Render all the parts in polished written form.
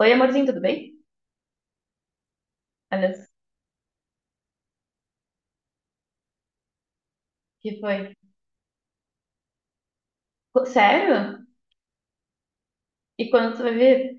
Oi, amorzinho, tudo bem? Olha, que foi? Sério? E quando tu vai ver?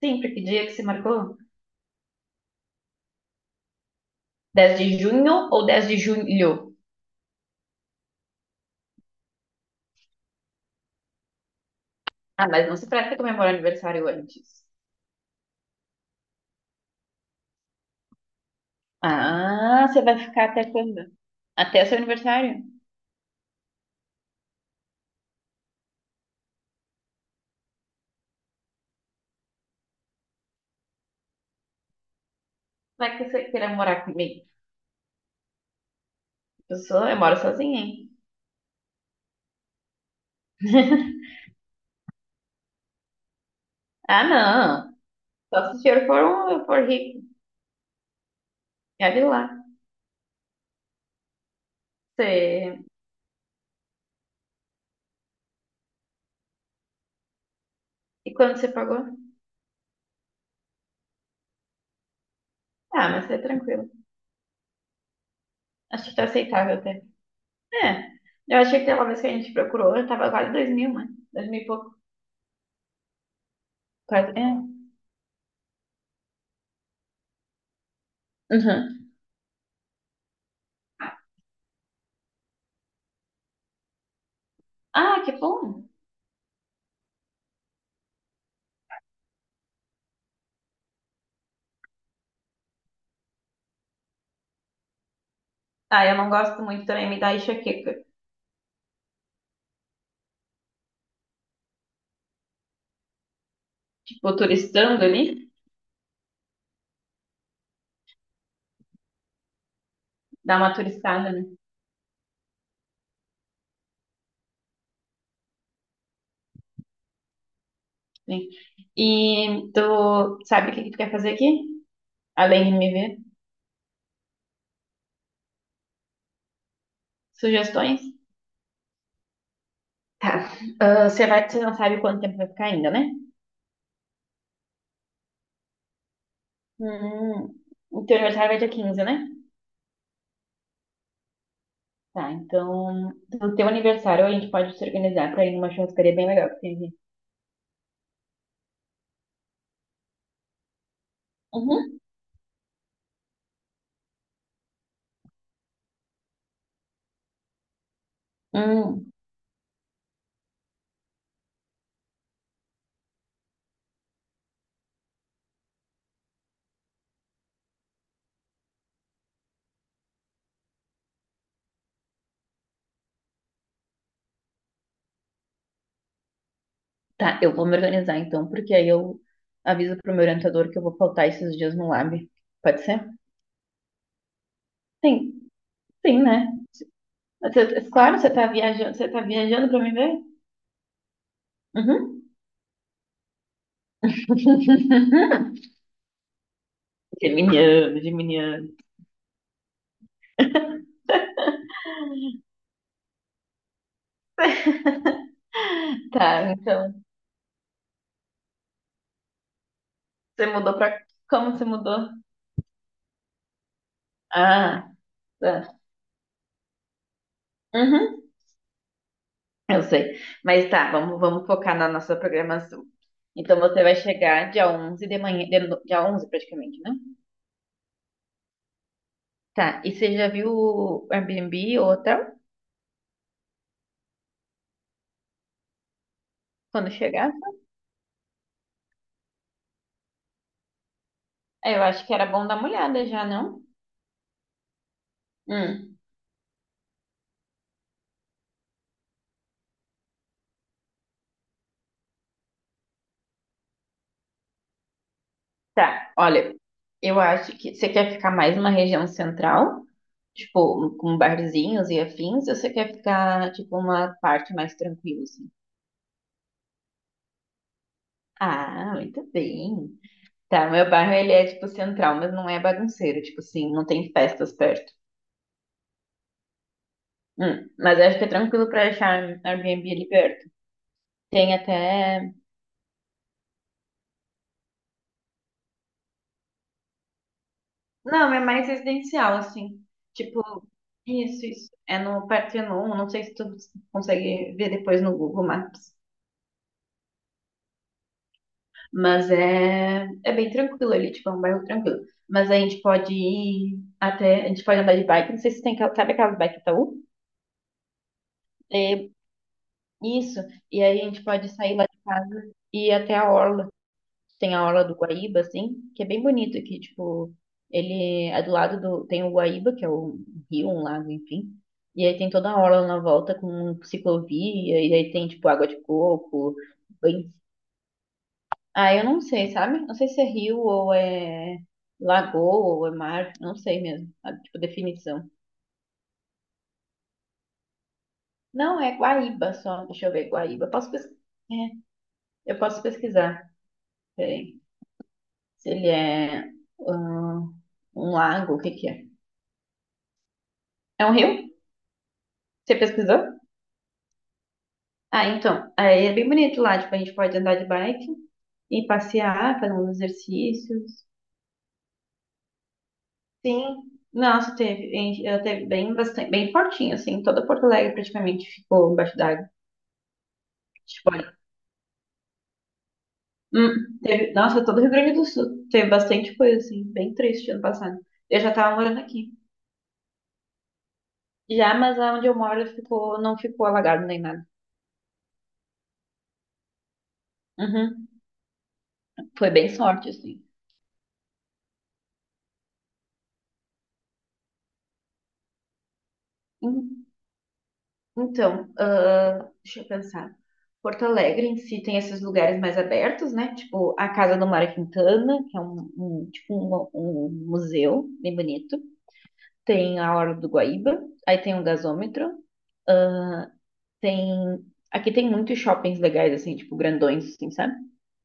Sim, pra que dia que você marcou? 10 de junho ou 10 de julho? Ah, mas não se trata de comemorar aniversário antes. Ah, você vai ficar até quando? Até seu aniversário? Vai que você queira morar comigo? Eu moro sozinha, hein? Ah, não. Só se o senhor for, for rico. Olha lá. Você... E quando você pagou? Ah, mas é tranquilo. Acho que tá aceitável até. É. Eu achei que pela vez que a gente procurou, eu tava quase dois mil, né? Dois mil e pouco. Quase. É. Uhum. Ah, que bom. Ah, eu não gosto muito também, me dá enxaqueca. Tipo, turistando ali, dá uma turistada, né? Sim. E tu sabe o que que tu quer fazer aqui? Além de me ver? Sugestões? Tá. Ah, você não sabe quanto tempo vai ficar ainda, né? Hum. O teu aniversário vai dia 15, né? Tá, então, no teu aniversário a gente pode se organizar pra ir numa churrascaria bem legal que tem aqui. Uhum. Hum. Tá, eu vou me organizar então, porque aí eu aviso pro meu orientador que eu vou faltar esses dias no lab. Pode ser? Sim, sim, né? Você... Claro, você tá viajando pra me ver? Uhum. Geminiano, geminiano. Tá, então, você mudou pra... Como você mudou? Ah, tá. Uhum, eu sei. Mas tá, vamos focar na nossa programação. Então você vai chegar dia 11 de manhã, de no- dia 11 praticamente, né? Tá, e você já viu o Airbnb ou hotel? Quando chegar? É, eu acho que era bom dar uma olhada já, não? Hum, tá. Olha, eu acho que você quer ficar mais numa região central, tipo, com barzinhos e afins, ou você quer ficar, tipo, uma parte mais tranquila, assim? Ah, muito bem. Tá, meu bairro, ele é, tipo, central, mas não é bagunceiro, tipo assim, não tem festas perto. Mas acho que é tranquilo pra achar um Airbnb ali perto. Tem até... Não, é mais residencial, assim. Tipo, isso. É no Partenon. Não sei se tu consegue ver depois no Google Maps. Mas é bem tranquilo ali, tipo, é um bairro tranquilo. Mas a gente pode ir até, a gente pode andar de bike, não sei se tem, aquela... Sabe aquelas bike Itaú? É, isso. E aí a gente pode sair lá de casa e ir até a orla. Tem a Orla do Guaíba, assim, que é bem bonito aqui, tipo, ele é do lado do... Tem o Guaíba, que é rio, um lago, enfim. E aí tem toda a orla na volta com ciclovia, e aí tem, tipo, água de coco, banho. Ah, eu não sei, sabe? Não sei se é rio ou é lagoa ou é mar, não sei mesmo, sabe? Tipo, definição. Não, é Guaíba só, deixa eu ver, Guaíba. Posso pesquisar? Eu posso pesquisar, peraí. Se ele é ah, um lago, o que que é? É um rio? Você pesquisou? Ah, então, aí é bem bonito lá, tipo, a gente pode andar de bike e passear, fazer uns exercícios. Sim. Nossa, teve, eu teve bem bastante, bem fortinho, assim, toda Porto Alegre praticamente ficou embaixo d'água. Tipo, olha, teve, nossa, todo o Rio Grande do Sul teve bastante coisa, assim, bem triste ano passado. Eu já tava morando aqui. Já, mas onde eu moro ficou, não ficou alagado nem nada. Uhum, foi bem sorte, assim. Então, ah, deixa eu pensar. Porto Alegre em si tem esses lugares mais abertos, né? Tipo a Casa do Mário Quintana, que é tipo um museu bem bonito. Tem a Orla do Guaíba, aí tem um gasômetro, tem aqui tem muitos shoppings legais assim, tipo grandões, assim, sabe?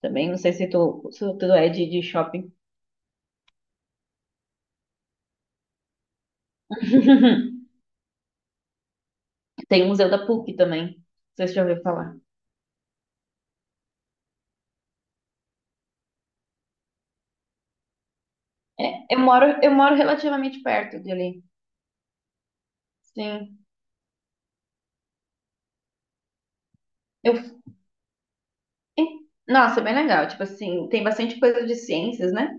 Também não sei se tu é de shopping. Tem o Museu da PUC também. Não sei se já ouviu falar. É, eu moro relativamente perto de ali. Sim. Eu Nossa, é bem legal. Tipo assim, tem bastante coisa de ciências, né?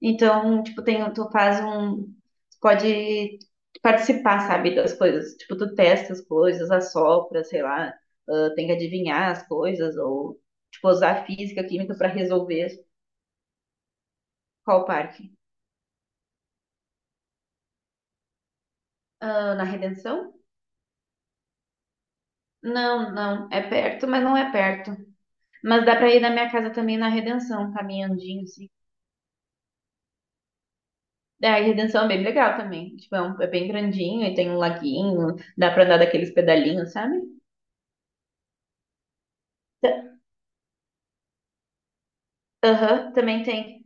Então, tipo, tem, tu faz um... Tu pode participar, sabe, das coisas. Tipo, tu testa as coisas, assopra, sei lá, ah, tem que adivinhar as coisas, ou, tipo, usar física, química pra resolver qual parque. Ah, na Redenção? Não, não. É perto, mas não é perto. Mas dá pra ir da minha casa também na Redenção, caminhandinho. É, a Redenção é bem legal também. Tipo, é, um... É bem grandinho e tem um laguinho, dá pra andar daqueles pedalinhos, sabe? Ta- Aham, também tem.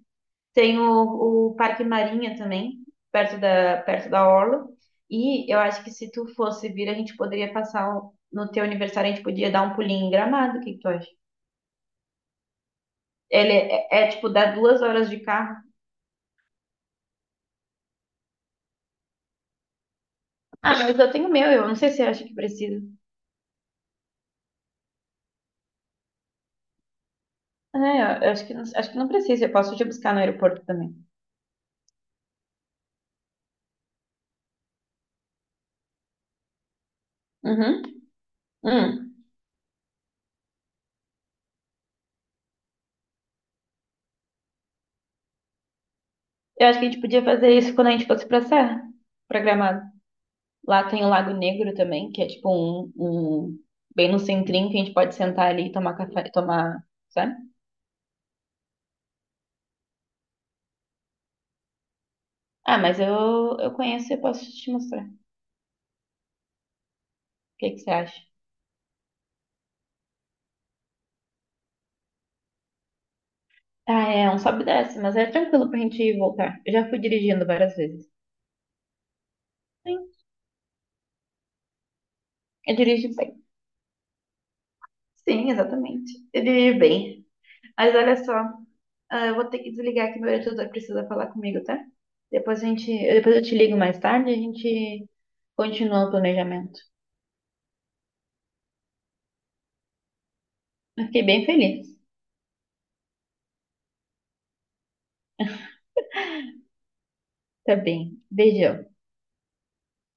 Tem o Parque Marinha também, perto perto da Orla. E eu acho que se tu fosse vir, a gente poderia passar um... No teu aniversário, a gente podia dar um pulinho em Gramado, o que que tu acha? Ele é, tipo, dá duas horas de carro. Ah, mas eu tenho o meu, eu não sei se eu acho que precisa. É, eu acho que, acho que não precisa, eu posso te buscar no aeroporto também. Uhum. Hum. Eu acho que a gente podia fazer isso quando a gente fosse pra Serra, pra Gramado. Lá tem o Lago Negro também, que é tipo bem no centrinho que a gente pode sentar ali e tomar café, tomar, sabe? Ah, mas eu conheço e eu posso te mostrar. O que que você acha? Ah, é um sobe e desce, mas é tranquilo pra gente ir e voltar. Eu já fui dirigindo várias vezes. Sim, eu dirijo bem. Sim, exatamente. Eu dirijo bem. Mas olha só, ah, eu vou ter que desligar que meu editor precisa falar comigo, tá? Depois eu te ligo mais tarde, a gente continua o planejamento. Eu fiquei bem feliz. Tá bem. Beijão.